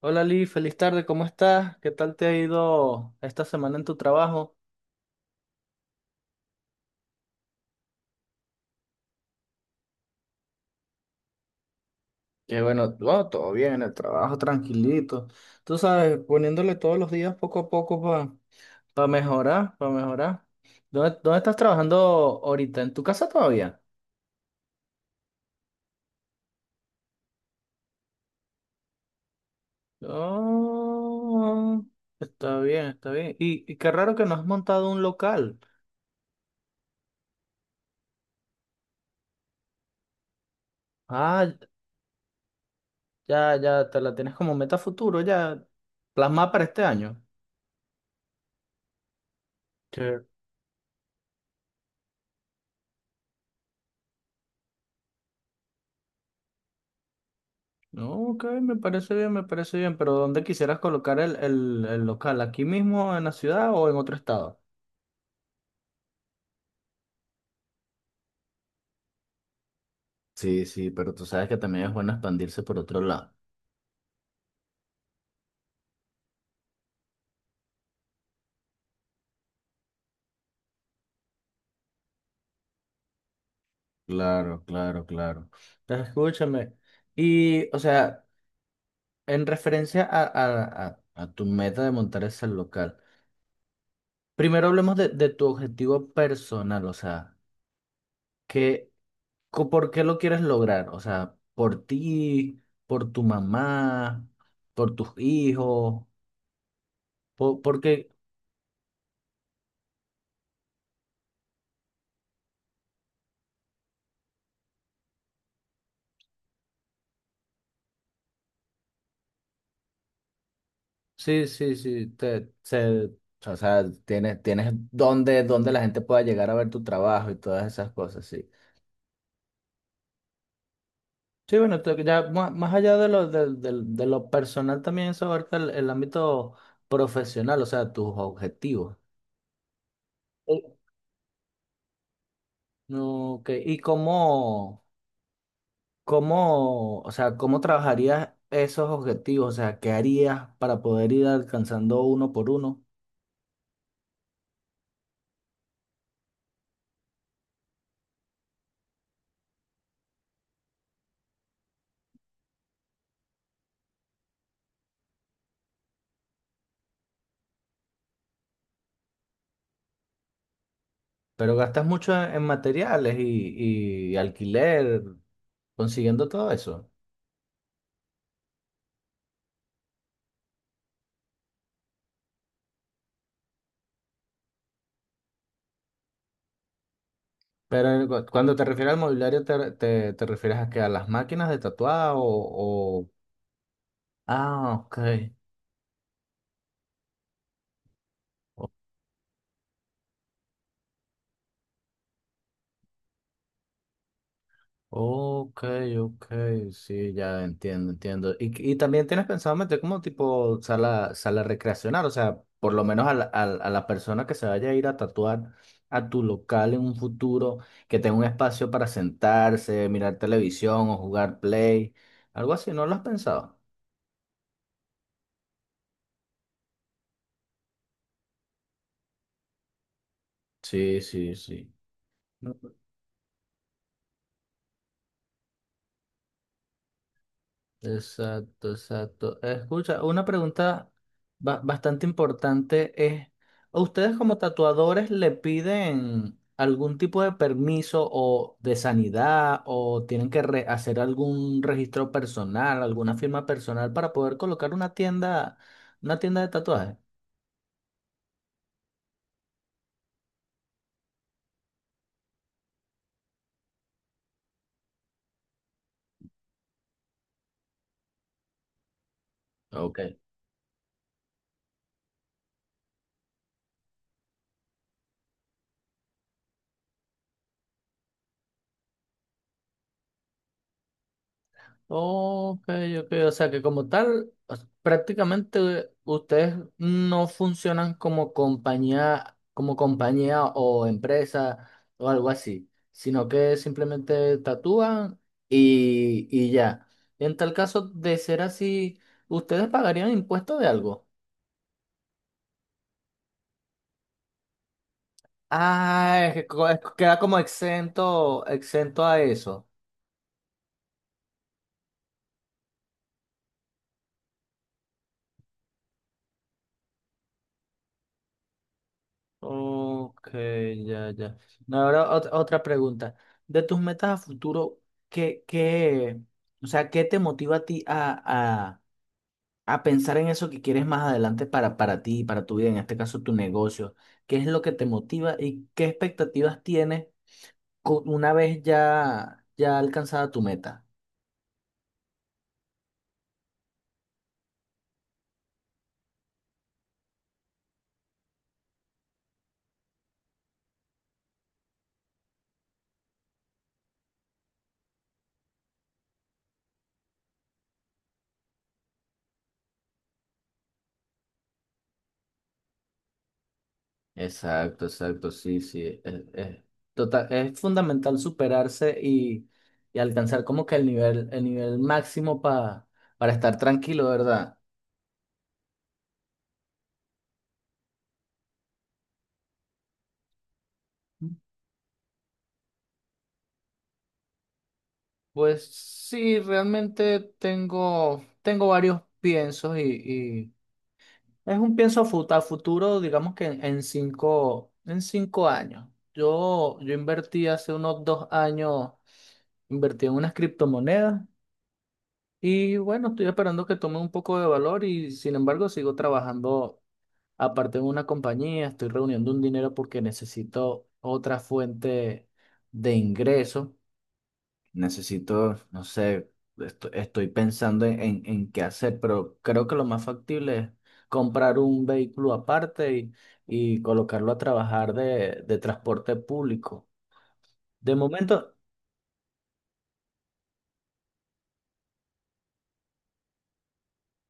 Hola Lee, feliz tarde, ¿cómo estás? ¿Qué tal te ha ido esta semana en tu trabajo? Que bueno, bueno, todo bien, el trabajo tranquilito. Tú sabes, poniéndole todos los días poco a poco para mejorar, para mejorar. ¿Dónde estás trabajando ahorita? ¿En tu casa todavía? Oh, está bien, está bien. Y qué raro que no has montado un local. Ah, ya, ya, te la tienes como meta futuro, ya plasmada para este año. No, ok, me parece bien, pero ¿dónde quisieras colocar el local? ¿Aquí mismo en la ciudad o en otro estado? Sí, sí, pero tú sabes que también es bueno expandirse por otro lado. Claro, claro, claro. Entonces, escúchame. Y, o sea, en referencia a, a tu meta de montar ese local, primero hablemos de tu objetivo personal, o sea, ¿qué, por qué lo quieres lograr? O sea, por ti, por tu mamá, por tus hijos, porque sí, sí, sí, te, se, o sea, tienes, tienes donde, donde la gente pueda llegar a ver tu trabajo y todas esas cosas, sí. Sí, bueno, ya más, más allá de lo, de, de lo personal también eso abarca el ámbito profesional, o sea, tus objetivos. Sí. Ok, ¿y cómo, cómo, o sea, cómo trabajarías esos objetivos? O sea, ¿qué harías para poder ir alcanzando uno por uno? Pero gastas mucho en materiales y alquiler consiguiendo todo eso. Pero cuando te refieres al mobiliario, ¿te refieres a que a las máquinas de tatuar o- ah, ok. O- ok, ok, sí, ya entiendo, entiendo. Y también tienes pensado meter como tipo sala, sala recreacional, o sea, por lo menos a la, a, la a la persona que se vaya a ir a tatuar a tu local en un futuro, que tenga un espacio para sentarse, mirar televisión o jugar play, algo así, ¿no lo has pensado? Sí, sí, sí. Exacto, exacto. Escucha, una pregunta bastante importante es, ¿a ustedes como tatuadores le piden algún tipo de permiso o de sanidad o tienen que hacer algún registro personal, alguna firma personal para poder colocar una tienda de tatuajes? Ok, ok, o sea que como tal, o sea, prácticamente ustedes no funcionan como compañía o empresa o algo así, sino que simplemente tatúan y ya. En tal caso de ser así, ¿ustedes pagarían impuestos de algo? Ah, es que queda como exento, exento a eso. Ok, ya, ya. No, ahora otra pregunta. De tus metas a futuro, ¿qué, qué, o sea, qué te motiva a ti a pensar en eso que quieres más adelante para ti, para tu vida, en este caso tu negocio? ¿Qué es lo que te motiva y qué expectativas tienes una vez ya, ya alcanzada tu meta? Exacto, exacto, sí, sí. Es total, es fundamental superarse y alcanzar como que el nivel máximo para estar tranquilo, ¿verdad? Pues sí, realmente tengo, tengo varios piensos y es un pienso a futuro, digamos que en cinco, en 5 años. Yo invertí hace unos 2 años, invertí en unas criptomonedas. Y bueno, estoy esperando que tome un poco de valor y sin embargo sigo trabajando aparte en una compañía, estoy reuniendo un dinero porque necesito otra fuente de ingreso, necesito, no sé, estoy pensando en qué hacer, pero creo que lo más factible es comprar un vehículo aparte y colocarlo a trabajar de transporte público. De momento,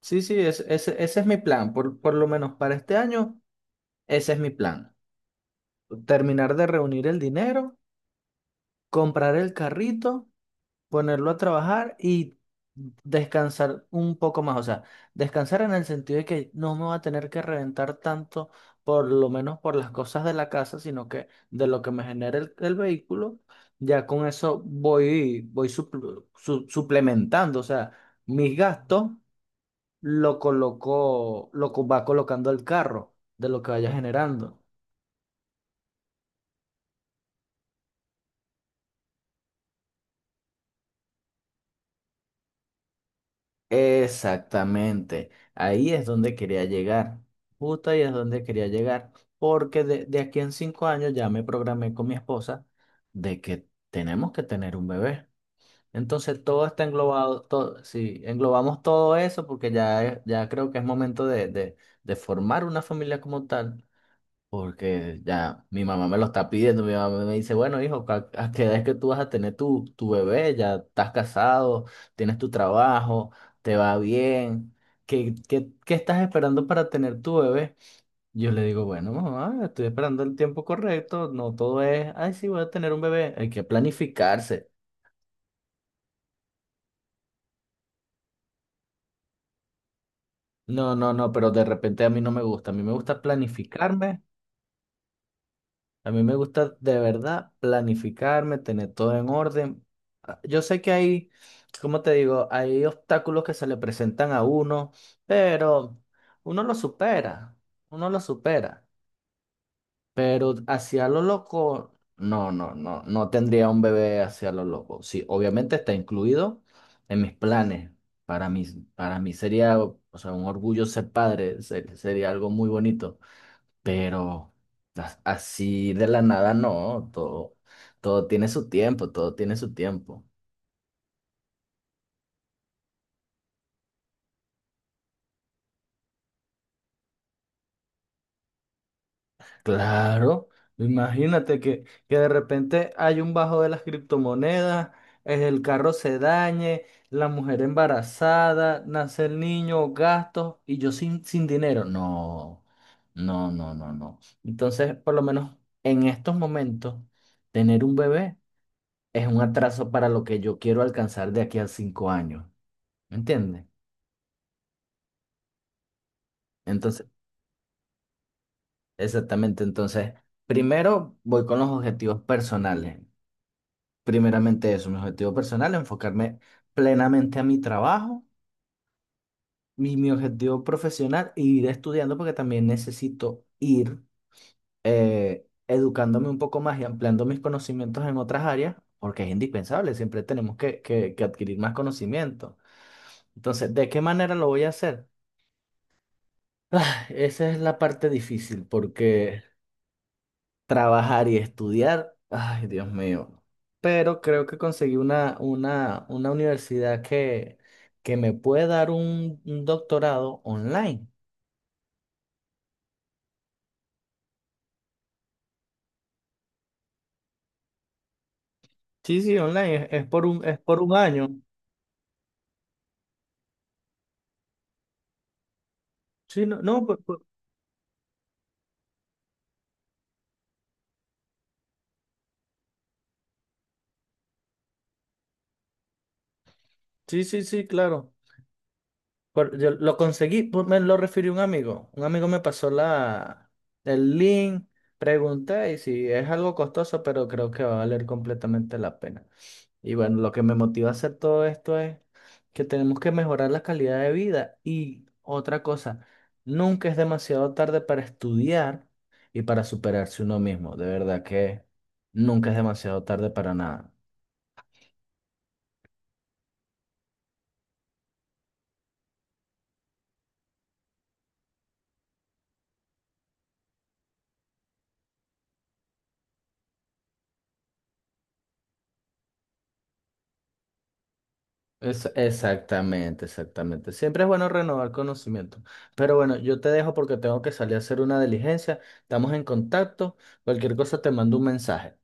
sí, sí, ese ese es mi plan, por lo menos para este año, ese es mi plan. Terminar de reunir el dinero, comprar el carrito, ponerlo a trabajar y descansar un poco más. O sea, descansar en el sentido de que no me va a tener que reventar tanto, por lo menos por las cosas de la casa, sino que de lo que me genere el vehículo, ya con eso voy, voy suplementando. O sea, mis gastos lo coloco, va colocando el carro de lo que vaya generando. Exactamente, ahí es donde quería llegar, justo ahí es donde quería llegar, porque de aquí en 5 años ya me programé con mi esposa de que tenemos que tener un bebé. Entonces todo está englobado, todo, sí, englobamos todo eso porque ya, ya creo que es momento de formar una familia como tal. Porque ya mi mamá me lo está pidiendo, mi mamá me dice, bueno, hijo, a qué edad es que tú vas a tener tu, tu bebé? Ya estás casado, tienes tu trabajo, te va bien. ¿Qué, qué, qué estás esperando para tener tu bebé? Yo le digo, bueno, mamá, estoy esperando el tiempo correcto, no todo es, ay, sí, voy a tener un bebé, hay que planificarse. No, no, no, pero de repente a mí no me gusta, a mí me gusta planificarme. A mí me gusta de verdad planificarme, tener todo en orden. Ah, yo sé que hay, como te digo, hay obstáculos que se le presentan a uno, pero uno lo supera, uno lo supera. Pero hacia lo loco, no, no, no, no tendría un bebé hacia lo loco. Sí, obviamente está incluido en mis planes. Para mí, para mí sería, o sea, un orgullo ser padre, sería algo muy bonito, pero así de la nada no, todo, todo tiene su tiempo, todo tiene su tiempo. Claro, imagínate que de repente hay un bajo de las criptomonedas, el carro se dañe, la mujer embarazada, nace el niño, gastos y yo sin, sin dinero. No, no, no, no, no. Entonces, por lo menos en estos momentos, tener un bebé es un atraso para lo que yo quiero alcanzar de aquí a 5 años. ¿Me entiendes? Entonces, exactamente, entonces, primero voy con los objetivos personales. Primeramente eso, mi objetivo personal, enfocarme plenamente a mi trabajo, mi objetivo profesional, e ir estudiando porque también necesito ir educándome un poco más y ampliando mis conocimientos en otras áreas, porque es indispensable, siempre tenemos que adquirir más conocimiento. Entonces, ¿de qué manera lo voy a hacer? Ah, esa es la parte difícil, porque trabajar y estudiar. Ay, Dios mío. Pero creo que conseguí una universidad que me puede dar un doctorado online. Sí, sí, online. Es por un año. Sí, no, no, sí, sí, sí, claro. Por- yo lo conseguí, pues, me lo refirió un amigo. Un amigo me pasó la, el link, pregunté y si es algo costoso, pero creo que va a valer completamente la pena. Y bueno, lo que me motiva a hacer todo esto es que tenemos que mejorar la calidad de vida. Y otra cosa, nunca es demasiado tarde para estudiar y para superarse uno mismo. De verdad que nunca es demasiado tarde para nada. Exactamente, exactamente. Siempre es bueno renovar conocimiento. Pero bueno, yo te dejo porque tengo que salir a hacer una diligencia. Estamos en contacto. Cualquier cosa te mando un mensaje.